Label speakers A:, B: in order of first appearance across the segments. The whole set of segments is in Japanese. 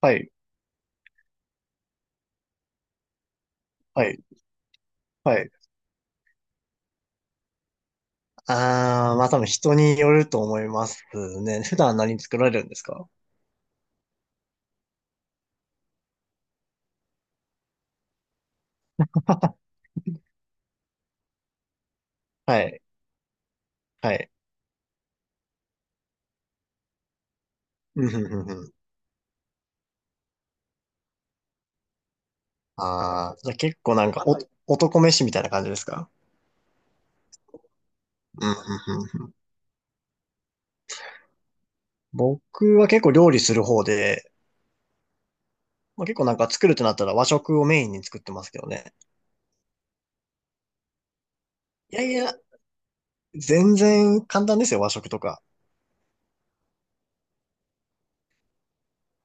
A: はい、はい、はい。ああ、まあ多分人によると思いますね。普段何作られるんですか？ はい、はい。うん、うん、うん。うん。ああ、じゃあ結構なんか男飯みたいな感じですか？うん、うん、うんうん。僕は結構料理する方で、まあ、結構なんか作るとなったら和食をメインに作ってますけどね。いやいや、全然簡単ですよ、和食とか。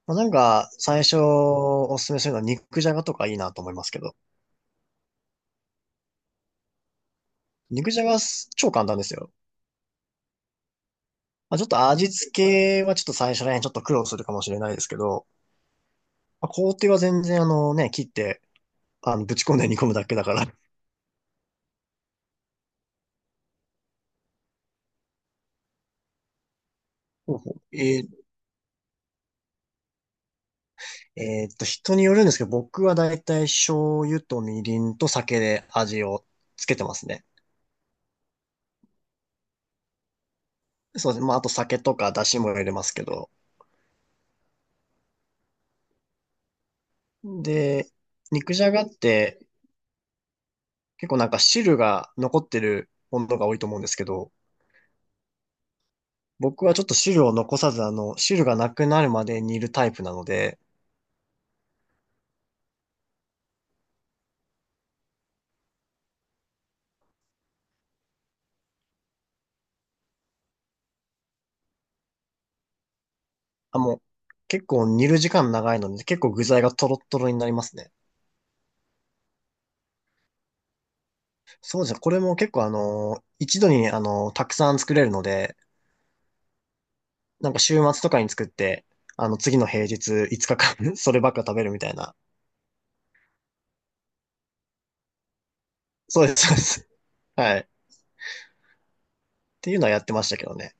A: まあ、なんか、最初おすすめするのは肉じゃがとかいいなと思いますけど。肉じゃがす超簡単ですよ。まあ、ちょっと味付けはちょっと最初ね、ちょっと苦労するかもしれないですけど、まあ、工程は全然あのね、切って、ぶち込んで煮込むだけだから。ほうほう。人によるんですけど、僕はだいたい醤油とみりんと酒で味をつけてますね。そうですね。まあ、あと酒とか出汁も入れますけど。で、肉じゃがって結構なんか汁が残ってるものが多いと思うんですけど、僕はちょっと汁を残さず、汁がなくなるまで煮るタイプなので、あ、もう、結構煮る時間長いので、結構具材がトロットロになりますね。そうじゃこれも結構一度にたくさん作れるので、なんか週末とかに作って、次の平日5日間 そればっか食べるみたいな。そうです、そうです。はい。っていうのはやってましたけどね。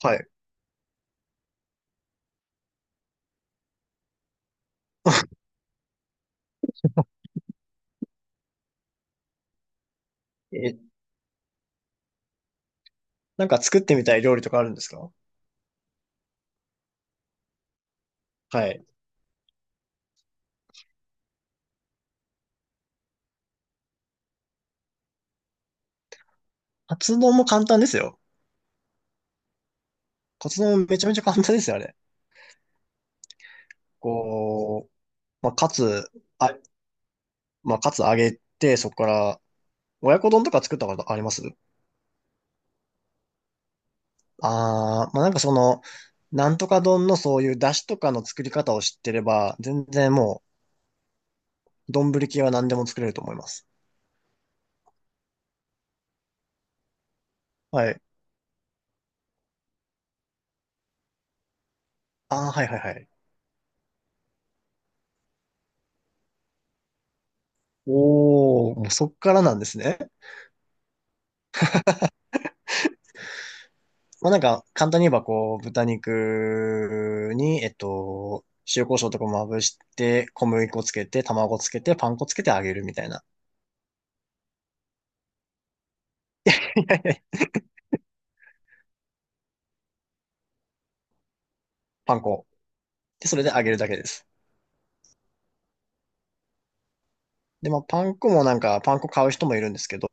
A: はい。え、なんか作ってみたい料理とかあるんですか？はい。カツ丼も簡単ですよ。カツ丼めちゃめちゃ簡単ですよ、あれ。こう、まあ、あ、カツ揚げて、そこから親子丼とか作ったことあります？ああー、まあ、なんかなんとか丼のそういう出汁とかの作り方を知ってれば、全然もう、丼系は何でも作れると思います。はい。ああ、はいはいはい。おー、もうそっからなんですね。まあ、なんか、簡単に言えばこう、豚肉に、塩コショウとかまぶして、小麦粉つけて、卵つけて、パン粉つけて揚げるみたいな。いやいやいや。パン粉。で、それで揚げるだけです。で、まあ、パン粉もなんか、パン粉買う人もいるんですけど、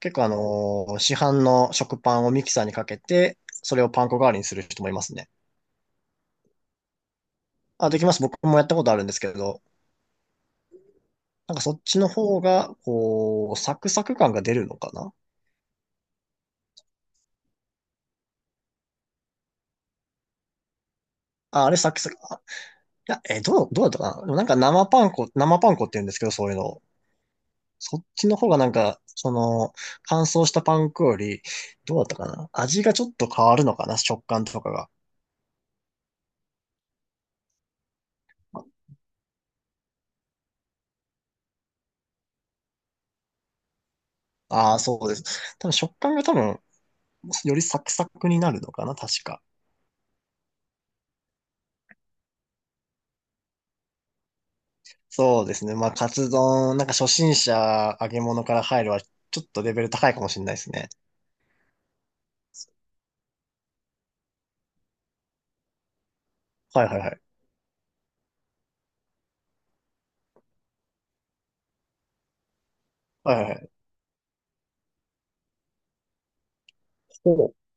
A: 結構市販の食パンをミキサーにかけて、それをパン粉代わりにする人もいますね。あ、できます。僕もやったことあるんですけど、なんかそっちの方が、こう、サクサク感が出るのかなあ、あれサクサク、あ、いや、どうだったかな？でもなんか生パン粉、生パン粉って言うんですけど、そういうのを。そっちの方がなんか、乾燥したパン粉より、どうだったかな、味がちょっと変わるのかな、食感とかが。ああ、そうです。多分食感が多分、よりサクサクになるのかな、確か。そうですね。まあ、カツ丼、なんか初心者揚げ物から入るは、ちょっとレベル高いかもしれないですね。はいはいはい。はいはいはい。ほう。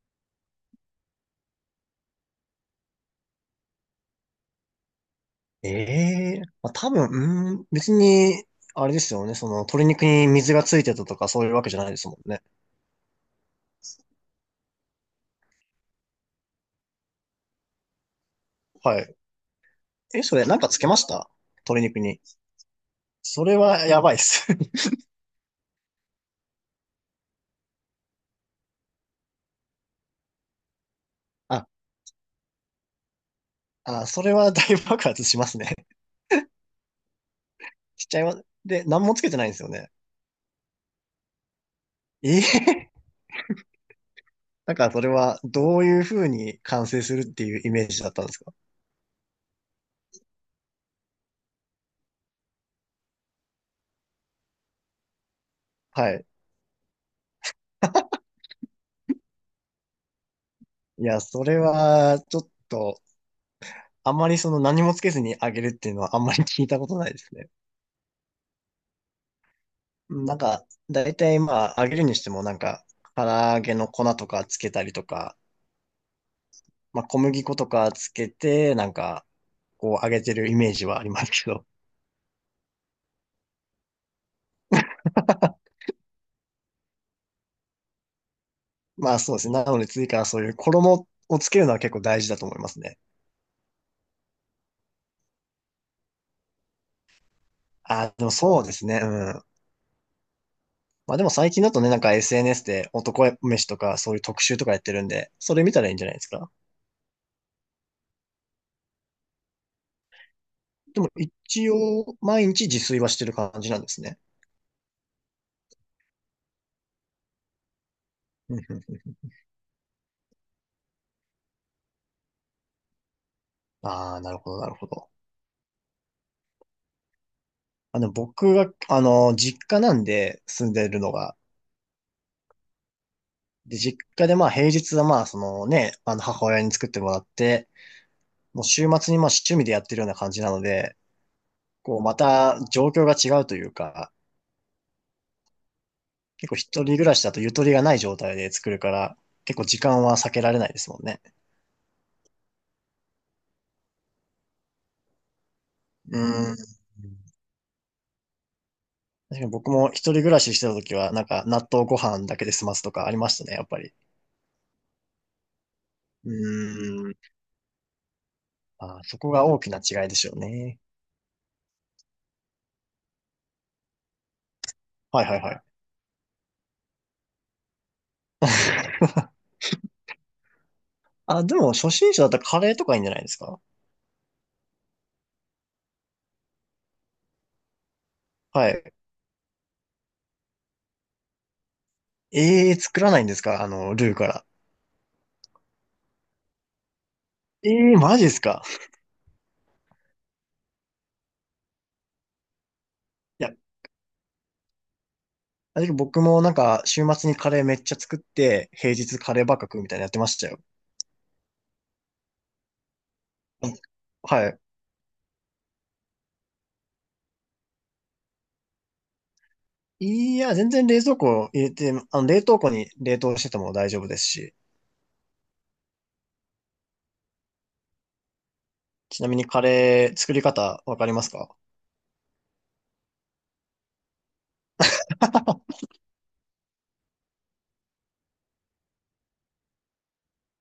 A: ええ、まあ、多分、うーん、別に、あれですよね。鶏肉に水がついてたとか、そういうわけじゃないですもんね。はい。え、それ、なんかつけました？鶏肉に。それはやばいっす。あ、あ、それは大爆発しますね。しちゃいます。で、何もつけてないんですよね。ええ、なんかそれは、どういうふうに完成するっていうイメージだったんですか？はい。いや、それは、ちょっと、あまり何もつけずに揚げるっていうのはあんまり聞いたことないですね。うん。なんか、だいたいまあ、揚げるにしてもなんか、唐揚げの粉とかつけたりとか、まあ、小麦粉とかつけて、なんか、こう揚げてるイメージはありますけど。まあそうですね。なので次からそういう衣をつけるのは結構大事だと思いますね。あ、でもそうですね。うん。まあでも最近だとね、なんか SNS で男飯とかそういう特集とかやってるんで、それ見たらいいんじゃないですか。でも一応、毎日自炊はしてる感じなんですね。うんうんうん。ああ、なるほど、なるほど。僕が、実家なんで住んでるのが、で、実家でまあ平日はまあそのね、あの母親に作ってもらって、もう週末にまあ趣味でやってるような感じなので、こうまた状況が違うというか、結構一人暮らしだとゆとりがない状態で作るから、結構時間は避けられないですもんね。うん。確かに僕も一人暮らししてた時は、なんか納豆ご飯だけで済ますとかありましたね、やっぱり。うーん。あー、そこが大きな違いですよね。はいはいはい。あ、でも初心者だったらカレーとかいいんじゃないですか？はい。ええー、作らないんですか？ルーから。ええー、マジですか？いや、あれ僕もなんか週末にカレーめっちゃ作って、平日カレーばっか食うみたいなのやってましたよ。うん。はい。いや、全然冷蔵庫入れて、冷凍庫に冷凍してても大丈夫ですし。ちなみにカレー作り方わかりますか？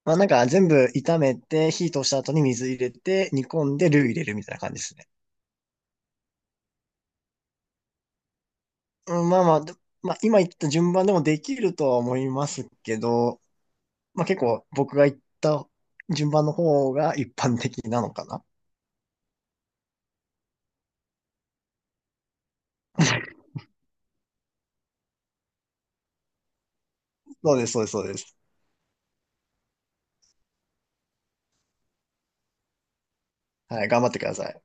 A: まあなんか全部炒めて、火通した後に水入れて、煮込んでルー入れるみたいな感じですね。うん、まあまあ、でまあ今言った順番でもできるとは思いますけど、まあ結構僕が言った順番の方が一般的なのかな。そうです、そうです、そうです。はい、頑張ってください。